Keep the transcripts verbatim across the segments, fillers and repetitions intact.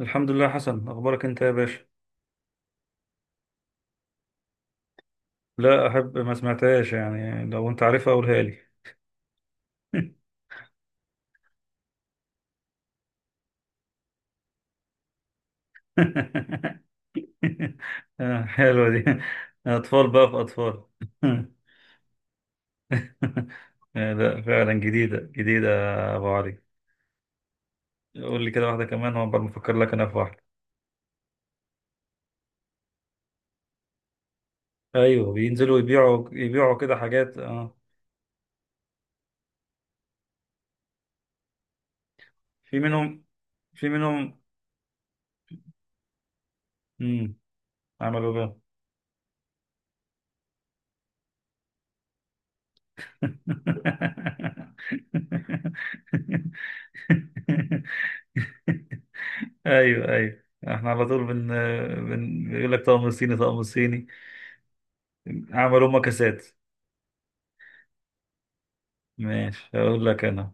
الحمد لله، حسن اخبارك انت يا باشا؟ لا، احب ما سمعتهاش، يعني لو انت عارفها قولها لي. آه، حلوه دي. اطفال بقى في اطفال. آه، لا فعلا، جديده جديده يا ابو علي. قول لي كده واحده كمان، وعقبال ما افكر لك انا في واحده. ايوه، بينزلوا يبيعوا يبيعوا كده حاجات اه في منهم. في منهم امم عملوا إيه بقى؟ ايوه، ايوه، احنا على طول بن بن بيقول لك طقم صيني طقم صيني. عملوا مكاسات. ماشي، هقول لك انا.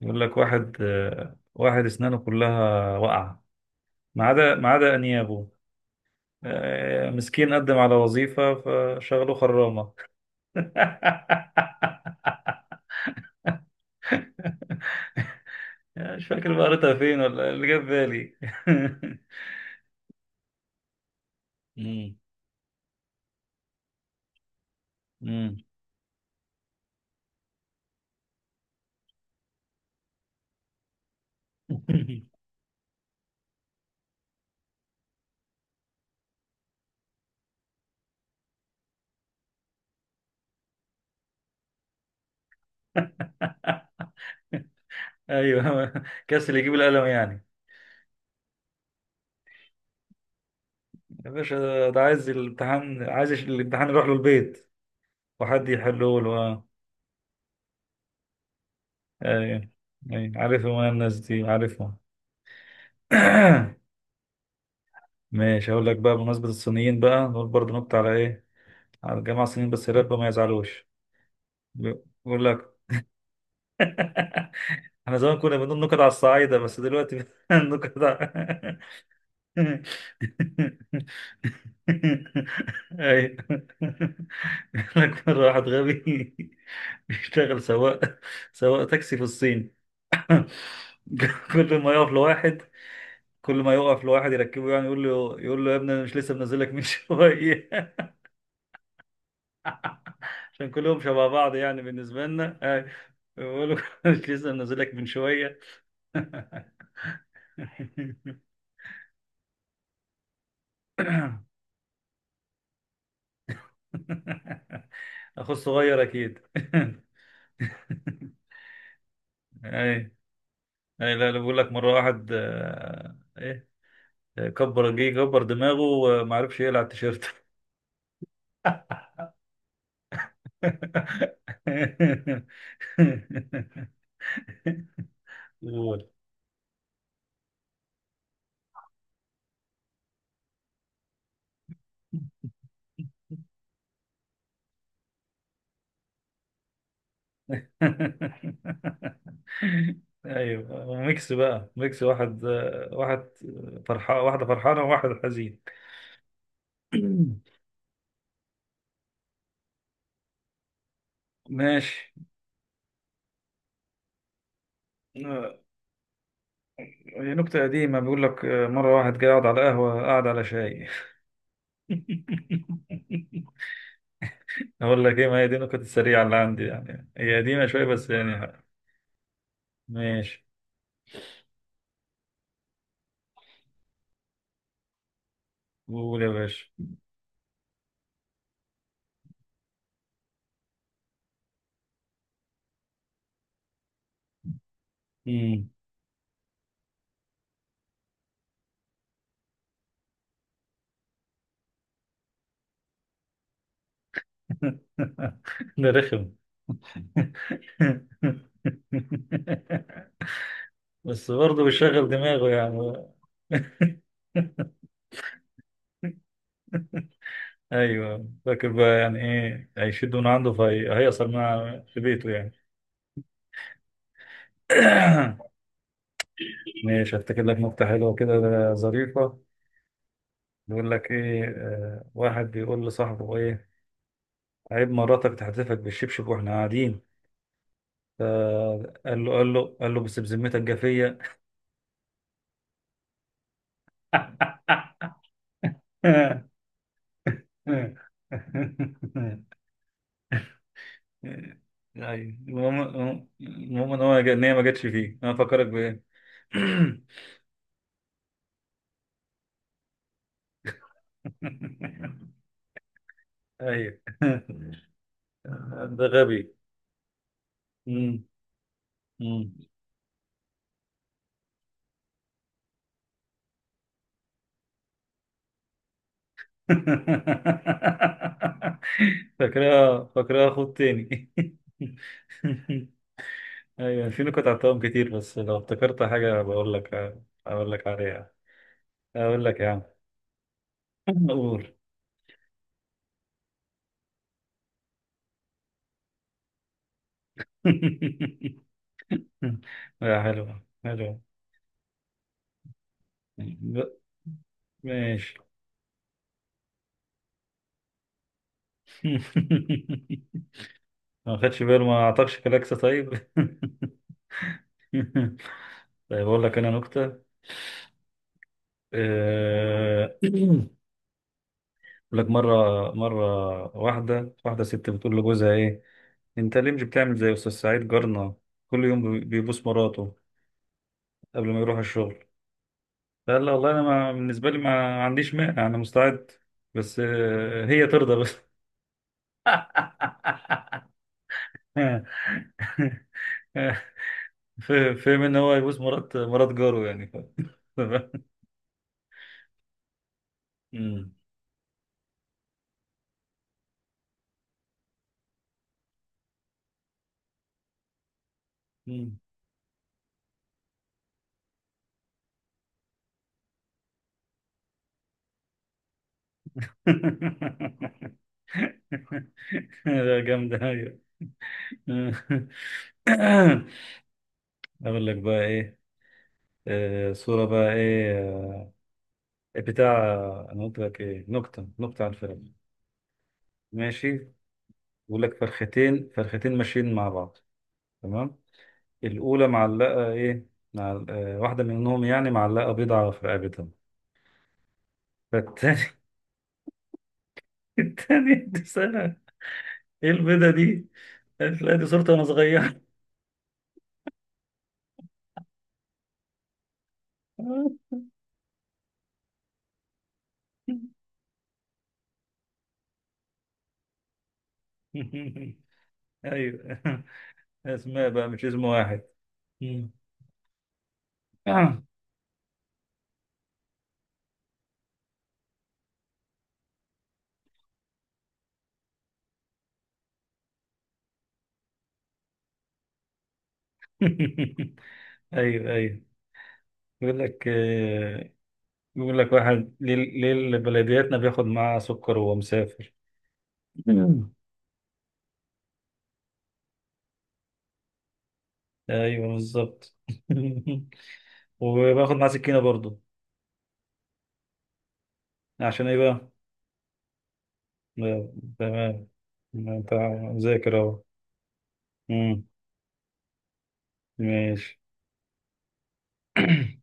يقول لك واحد آه، واحد اسنانه كلها واقعه، ما عدا ما عدا انيابه. آه، مسكين، قدم على وظيفه فشغلوه خرامه. مش فاكر بقى، قريتها فين ولا إيه، اللي جاب بالي. مم. ايوه، كسل يجيب القلم يعني. يا باشا، ده ده عايز الامتحان، عايز الامتحان يروح له البيت. وحد يحله له، اه. ايوه، ايوه، عارفهم انا، الناس دي عارفهم. ماشي، هقول لك بقى بمناسبة الصينيين، بقى نقول برضه نقطة على ايه على الجماعة الصينيين، بس يا رب ما يزعلوش. بقول لك. احنا زمان كنا بنقول نكت على الصعايدة، بس دلوقتي النكت. ايوه. لك مرة واحد غبي بيشتغل سواق، سواق تاكسي في الصين. كل ما يقف لواحد كل ما يقف لواحد يركبه، يعني يقول له يقول له يا ابني، انا مش لسه منزل لك من شويه؟ عشان كلهم شبه بعض يعني بالنسبه لنا، أي. يقول له مش لسه منزل لك من شويه؟ اخو الصغير اكيد. اي، يعني، لا لا بقول لك، مرة واحد آه، ايه، كبر، جه كبر دماغه وما عرفش يقلع التيشيرت. قول. ايوه، وميكس بقى، ميكس واحد آه، واحد فرحان، واحدة فرحانة وواحد حزين. ماشي. آه، هي نكتة قديمة، بيقول لك آه، مرة واحد قاعد على قهوة، قاعد على شاي. اقول لك ايه، ما هي دي النكت السريعه اللي عندي يعني، هي قديمه شويه بس يعني. ماشي. قول يا باشا. مم. ده رخم. بس برضه بيشغل دماغه يعني. ايوه، فاكر بقى يعني ايه هيشد من عنده فهيأثر مع في بيته يعني. ماشي، هفتكر لك نكته حلوه كده، ظريفه. بيقول لك ايه، آه واحد بيقول لصاحبه ايه، عيب مراتك تحدفك بالشبشب واحنا قاعدين؟ فقال له، قال له قال له بس بذمتك جافية. ايوه، المهم. المهم ان هو ان هي ما جاتش فيه، انا فكرك بايه. ايوه، ده غبي. مم. مم. فاكرها فاكرها، خد تاني. ايوه، في نكت عطاهم كتير، بس لو افتكرت حاجة بقول لك، اقول لك عليها. اقول لك يا عم. قول. لا، حلوة حلوة. ب- ماشي. ما خدش باله، ما اعطاكش كلاكسة طيب. طيب اقول لك انا نكتة. أه، اقول لك مرة، مرة واحدة، واحدة ست بتقول لجوزها ايه، انت ليه مش بتعمل زي استاذ سعيد جارنا، كل يوم بي- بيبوس مراته قبل ما يروح الشغل؟ قال لها، والله انا ما بالنسبة لي ما عنديش مانع، انا مستعد، بس آه، هي ترضى بس. فاهم ان هو يبوس مرات مرات جاره يعني ف... مم. مم. لا جامدة، أيوة. أقول لك بقى إيه، آه، صورة بقى إيه، آه، بتاع، أنا قلت لك إيه، نكتة نكتة عن الفيلم. ماشي. بيقول لك فرختين فرختين ماشيين مع بعض. تمام. الأولى معلقة إيه، مع آه، واحدة منهم يعني معلقة بيضة في رقبتها. فالتاني. التاني دي سنة ايه البيضة دي؟ قالت، لا دي صورتي وانا صغير. ايوه، اسماء بقى، مش اسم واحد. مم. آه. ايوه، ايوه، يقول لك، آه، يقول لك واحد، ليه ليه بلدياتنا بياخد معاه سكر وهو مسافر. مم. ايوه، بالظبط. وباخد معاه سكينه برضو، عشان ايه بقى؟ لا. تمام. انت مذاكر اهو. مم. ماشي.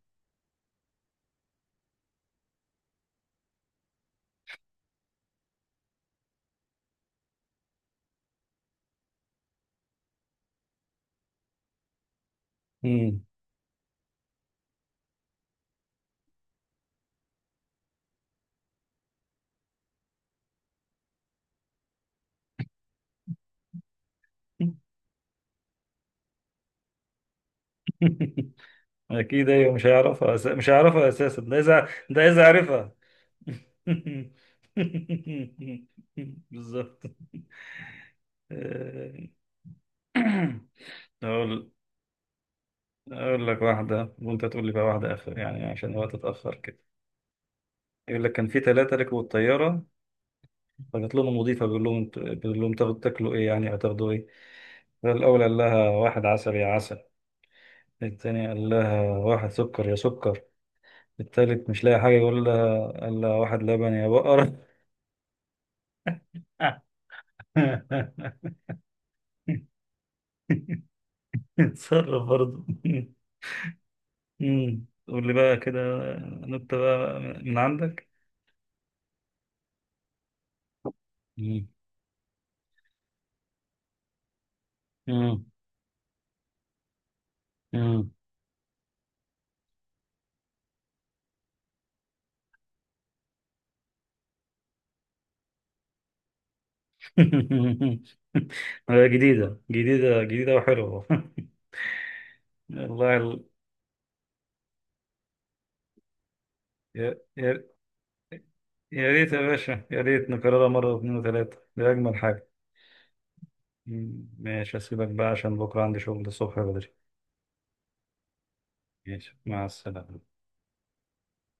مم. اكيد، ايوه، مش هيعرفها أس... مش هيعرفها اساسا، ده اذا ده اذا عرفها. بالظبط. آه، اقول اقول لك واحده، وانت تقول لي بقى واحده اخر يعني، عشان الوقت اتاخر كده. يقول لك كان في ثلاثه ركبوا الطياره، فجت لهم المضيفه، بيقول لهم بيقول لهم تاخد تاكلوا ايه يعني، هتاخدوا ايه؟ فالاول قال لها، واحد عسل يا عسل. الثاني قال لها، واحد سكر يا سكر. التالت مش لاقي حاجة، يقول لها إلا واحد لبن يا بقرة. اتصرف برضه. أمم. قول لي بقى كده نكتة بقى من عندك. أمم. أمم. أمم. آه، جديدة جديدة جديدة وحلوة. والله ال... يا... يا... يا ريت يا باشا، يا ريت نكررها مرة واثنين وثلاثة، دي أجمل حاجة. أمم. ماشي، أسيبك بقى عشان بكرة عندي شغل الصبح بدري. ماشي، مع السلامة.